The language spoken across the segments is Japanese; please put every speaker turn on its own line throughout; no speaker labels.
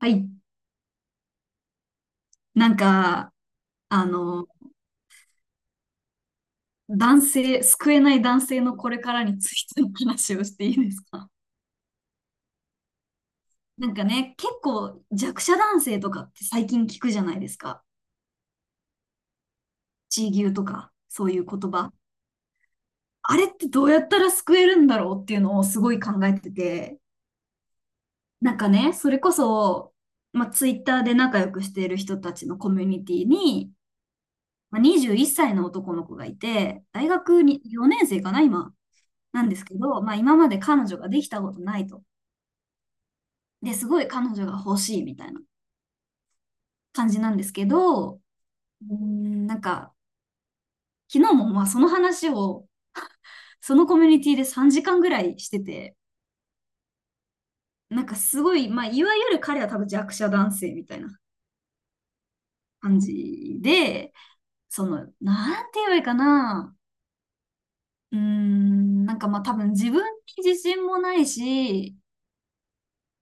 はい。なんか、あの、男性、救えない男性のこれからについての話をしていいですか？ なんかね、結構弱者男性とかって最近聞くじゃないですか。地位牛とか、そういう言葉。あれってどうやったら救えるんだろうっていうのをすごい考えてて、なんかね、それこそ、まあ、ツイッターで仲良くしている人たちのコミュニティに、まあ、21歳の男の子がいて、大学に4年生かな、今。なんですけど、まあ、今まで彼女ができたことないと。で、すごい彼女が欲しいみたいな感じなんですけど、なんか、昨日もまあその話を、そのコミュニティで3時間ぐらいしてて、なんかすごい、まあ、いわゆる彼は多分弱者男性みたいな感じで、その、なんて言えばいいかな、なんかまあ多分自分に自信もないし、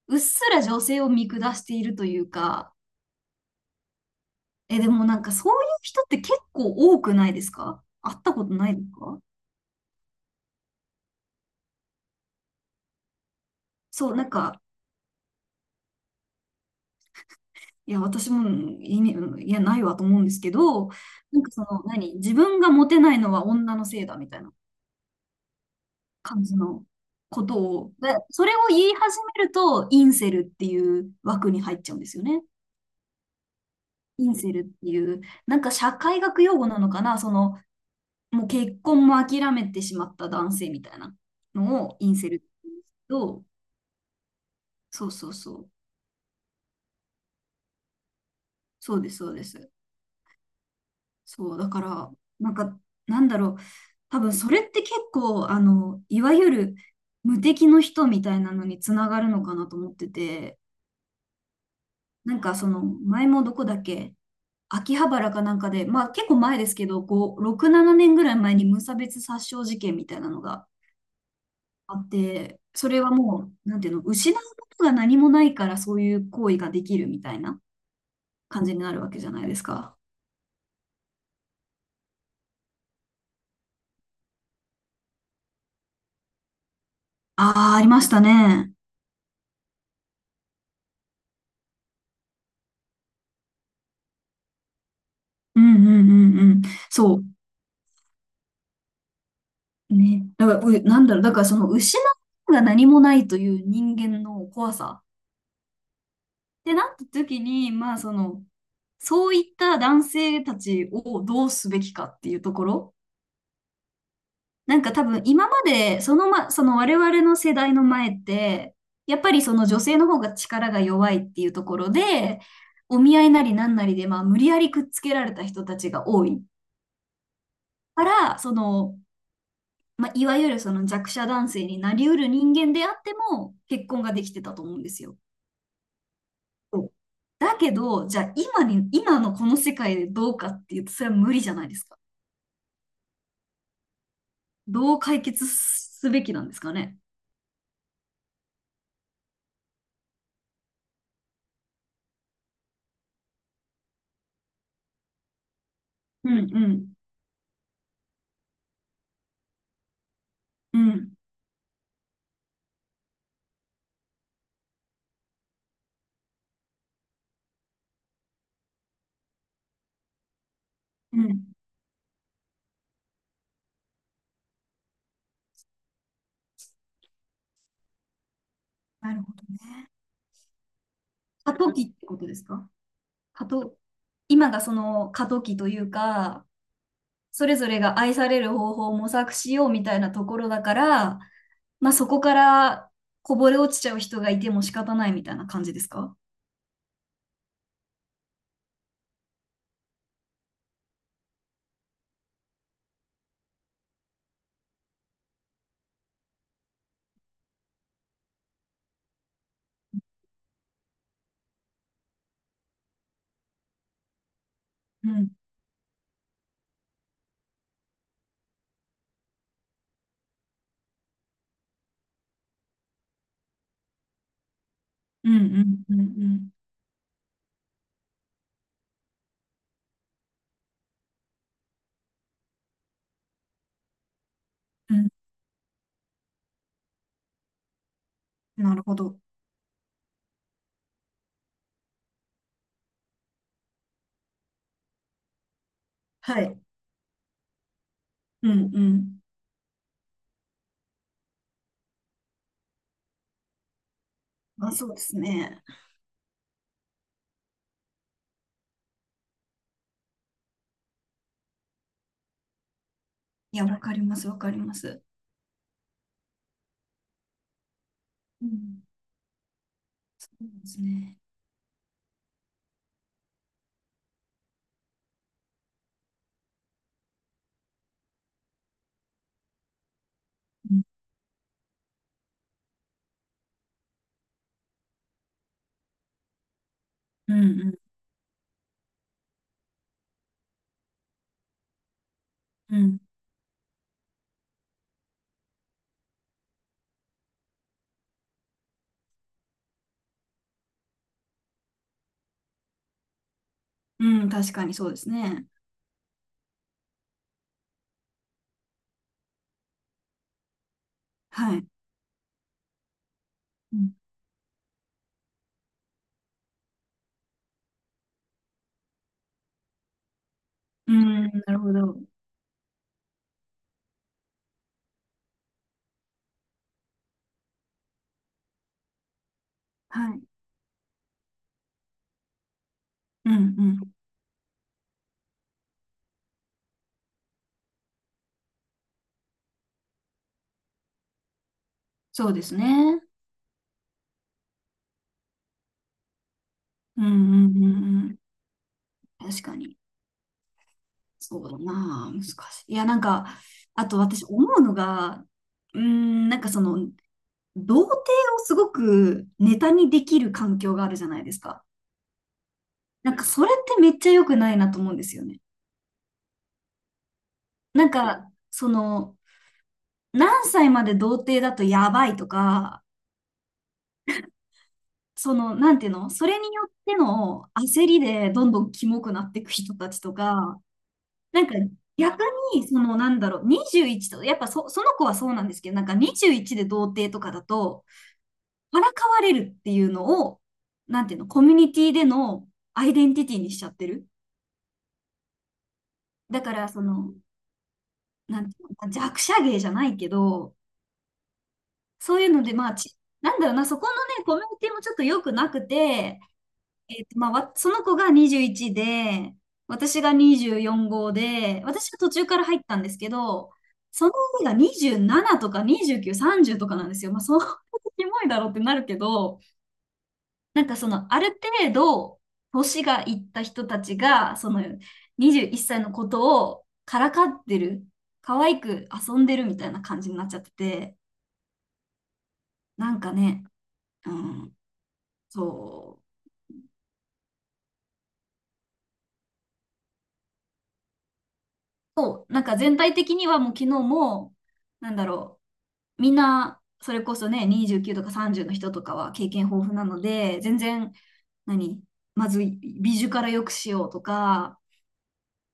うっすら女性を見下しているというか。え、でもなんかそういう人って結構多くないですか？会ったことないですか？そう、なんか、いや、私も、いねいや、ないわと思うんですけど、なんかその、何自分がモテないのは女のせいだみたいな感じのことを、で、それを言い始めると、インセルっていう枠に入っちゃうんですよね。インセルっていう、なんか社会学用語なのかな、その、もう結婚も諦めてしまった男性みたいなのをインセルって言うんですけど、そうそうそう。そうです、そうです。そう、だから、なんか、なんだろう。多分、それって結構、いわゆる無敵の人みたいなのにつながるのかなと思ってて、なんか、その、前もどこだっけ、秋葉原かなんかで、まあ、結構前ですけど、こう、6、7年ぐらい前に無差別殺傷事件みたいなのがあって、それはもう、なんていうの、失うことが何もないから、そういう行為ができるみたいな感じになるわけじゃないですか。ああ、ありましたね。うんうんうんうん。そう。ね。だから、なんだろう。だからその失うが何もないという人間の怖さ。で、なった時に、まあその、そういった男性たちをどうすべきかっていうところ。なんか多分今まで、その我々の世代の前って、やっぱりその女性の方が力が弱いっていうところで、お見合いなりなんなりで、まあ無理やりくっつけられた人たちが多いから、その、まあ、いわゆるその弱者男性になりうる人間であっても結婚ができてたと思うんですよ。そうだけど、じゃあ今のこの世界でどうかっていうと、それは無理じゃないですか。どう解決すべきなんですかね。うんうん。うんうん。なるほどね。過渡期ってことですか？過渡、今がその過渡期というか、それぞれが愛される方法を模索しようみたいなところだから、まあ、そこからこぼれ落ちちゃう人がいても仕方ないみたいな感じですか？うん。うんうんうんうんうん。なるほど。はい。うんうん。あ、そうですね。いや、わかります、わかります。うん。そうですね。うんうんうんうん。うん、確かにそうですね。はい。うん、うん、なるほど。はい。うんうん。そうですね。うんうんうんうん。確かに。そうだなあ、難しい。いや、なんか、あと私思うのが、なんかその、童貞をすごくネタにできる環境があるじゃないですか。なんかそれってめっちゃ良くないなと思うんですよね。なんか、その、何歳まで童貞だとやばいとか、その、なんていうの、それによっての焦りでどんどんキモくなっていく人たちとか、なんか逆に、その、なんだろう、21と、やっぱそ、その子はそうなんですけど、なんか21で童貞とかだと、からかわれるっていうのを、なんていうの、コミュニティでのアイデンティティにしちゃってる。だから、その、なんていうの、まあ弱者芸じゃないけど、そういうので、まあ、なんだろうな、そこのね、コミュニティもちょっと良くなくて、まあ、その子が21で、私が24号で、私は途中から入ったんですけど、その上が27とか29、30とかなんですよ。まあ、そう、キモいだろうってなるけど、なんかその、ある程度、年がいった人たちが、その、21歳のことをからかってる、可愛く遊んでるみたいな感じになっちゃってて、なんかね、うん、そう、そう、なんか全体的にはもう昨日も、なんだろう、みんな、それこそね、29とか30の人とかは経験豊富なので、全然、何まず美術から良くしようとか、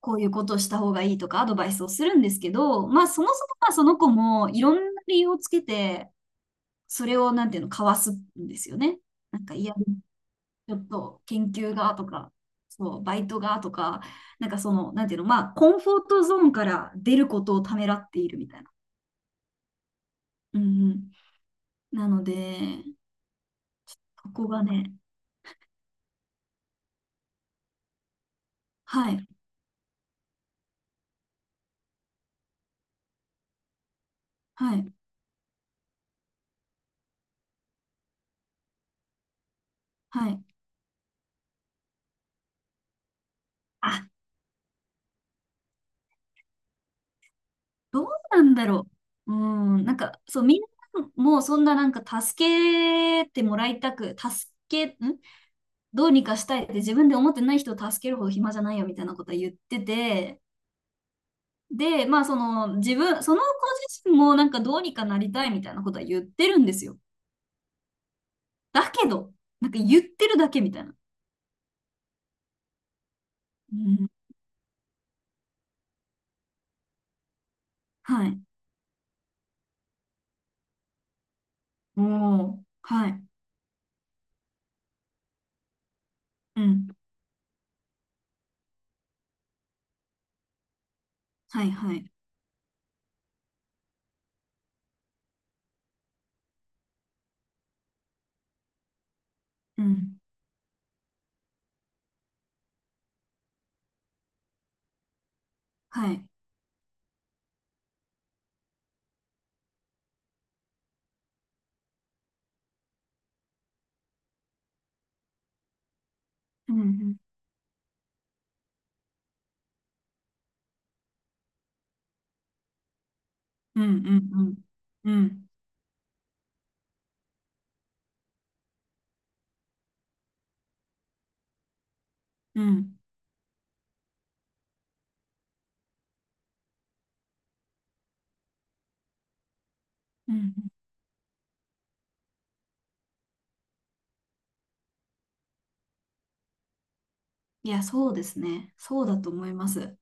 こういうことをした方がいいとかアドバイスをするんですけど、まあそもそもまあその子もいろんな理由をつけて、それをなんていうの、かわすんですよね。なんか、いや、ちょっと研究がとか、そう、バイトがとか、なんかその、なんていうの、まあコンフォートゾーンから出ることをためらっているみたいな。うんうん。なので、ここがね、はい、はい、はい。あ、どうなんだろう。うん、なんか、そう、みんなもそんななんか助けてもらいたく、助け、んどうにかしたいって自分で思ってない人を助けるほど暇じゃないよみたいなことは言ってて、で、まあその自分、その子自身もなんかどうにかなりたいみたいなことは言ってるんですよ。だけど、なんか言ってるだけみたいな。うん、はい。おー、はい。うん、はい、はい。うん、はい。うん、うん、うん、うん、うん、うん。うんうん、いや、そうですね。そうだと思います。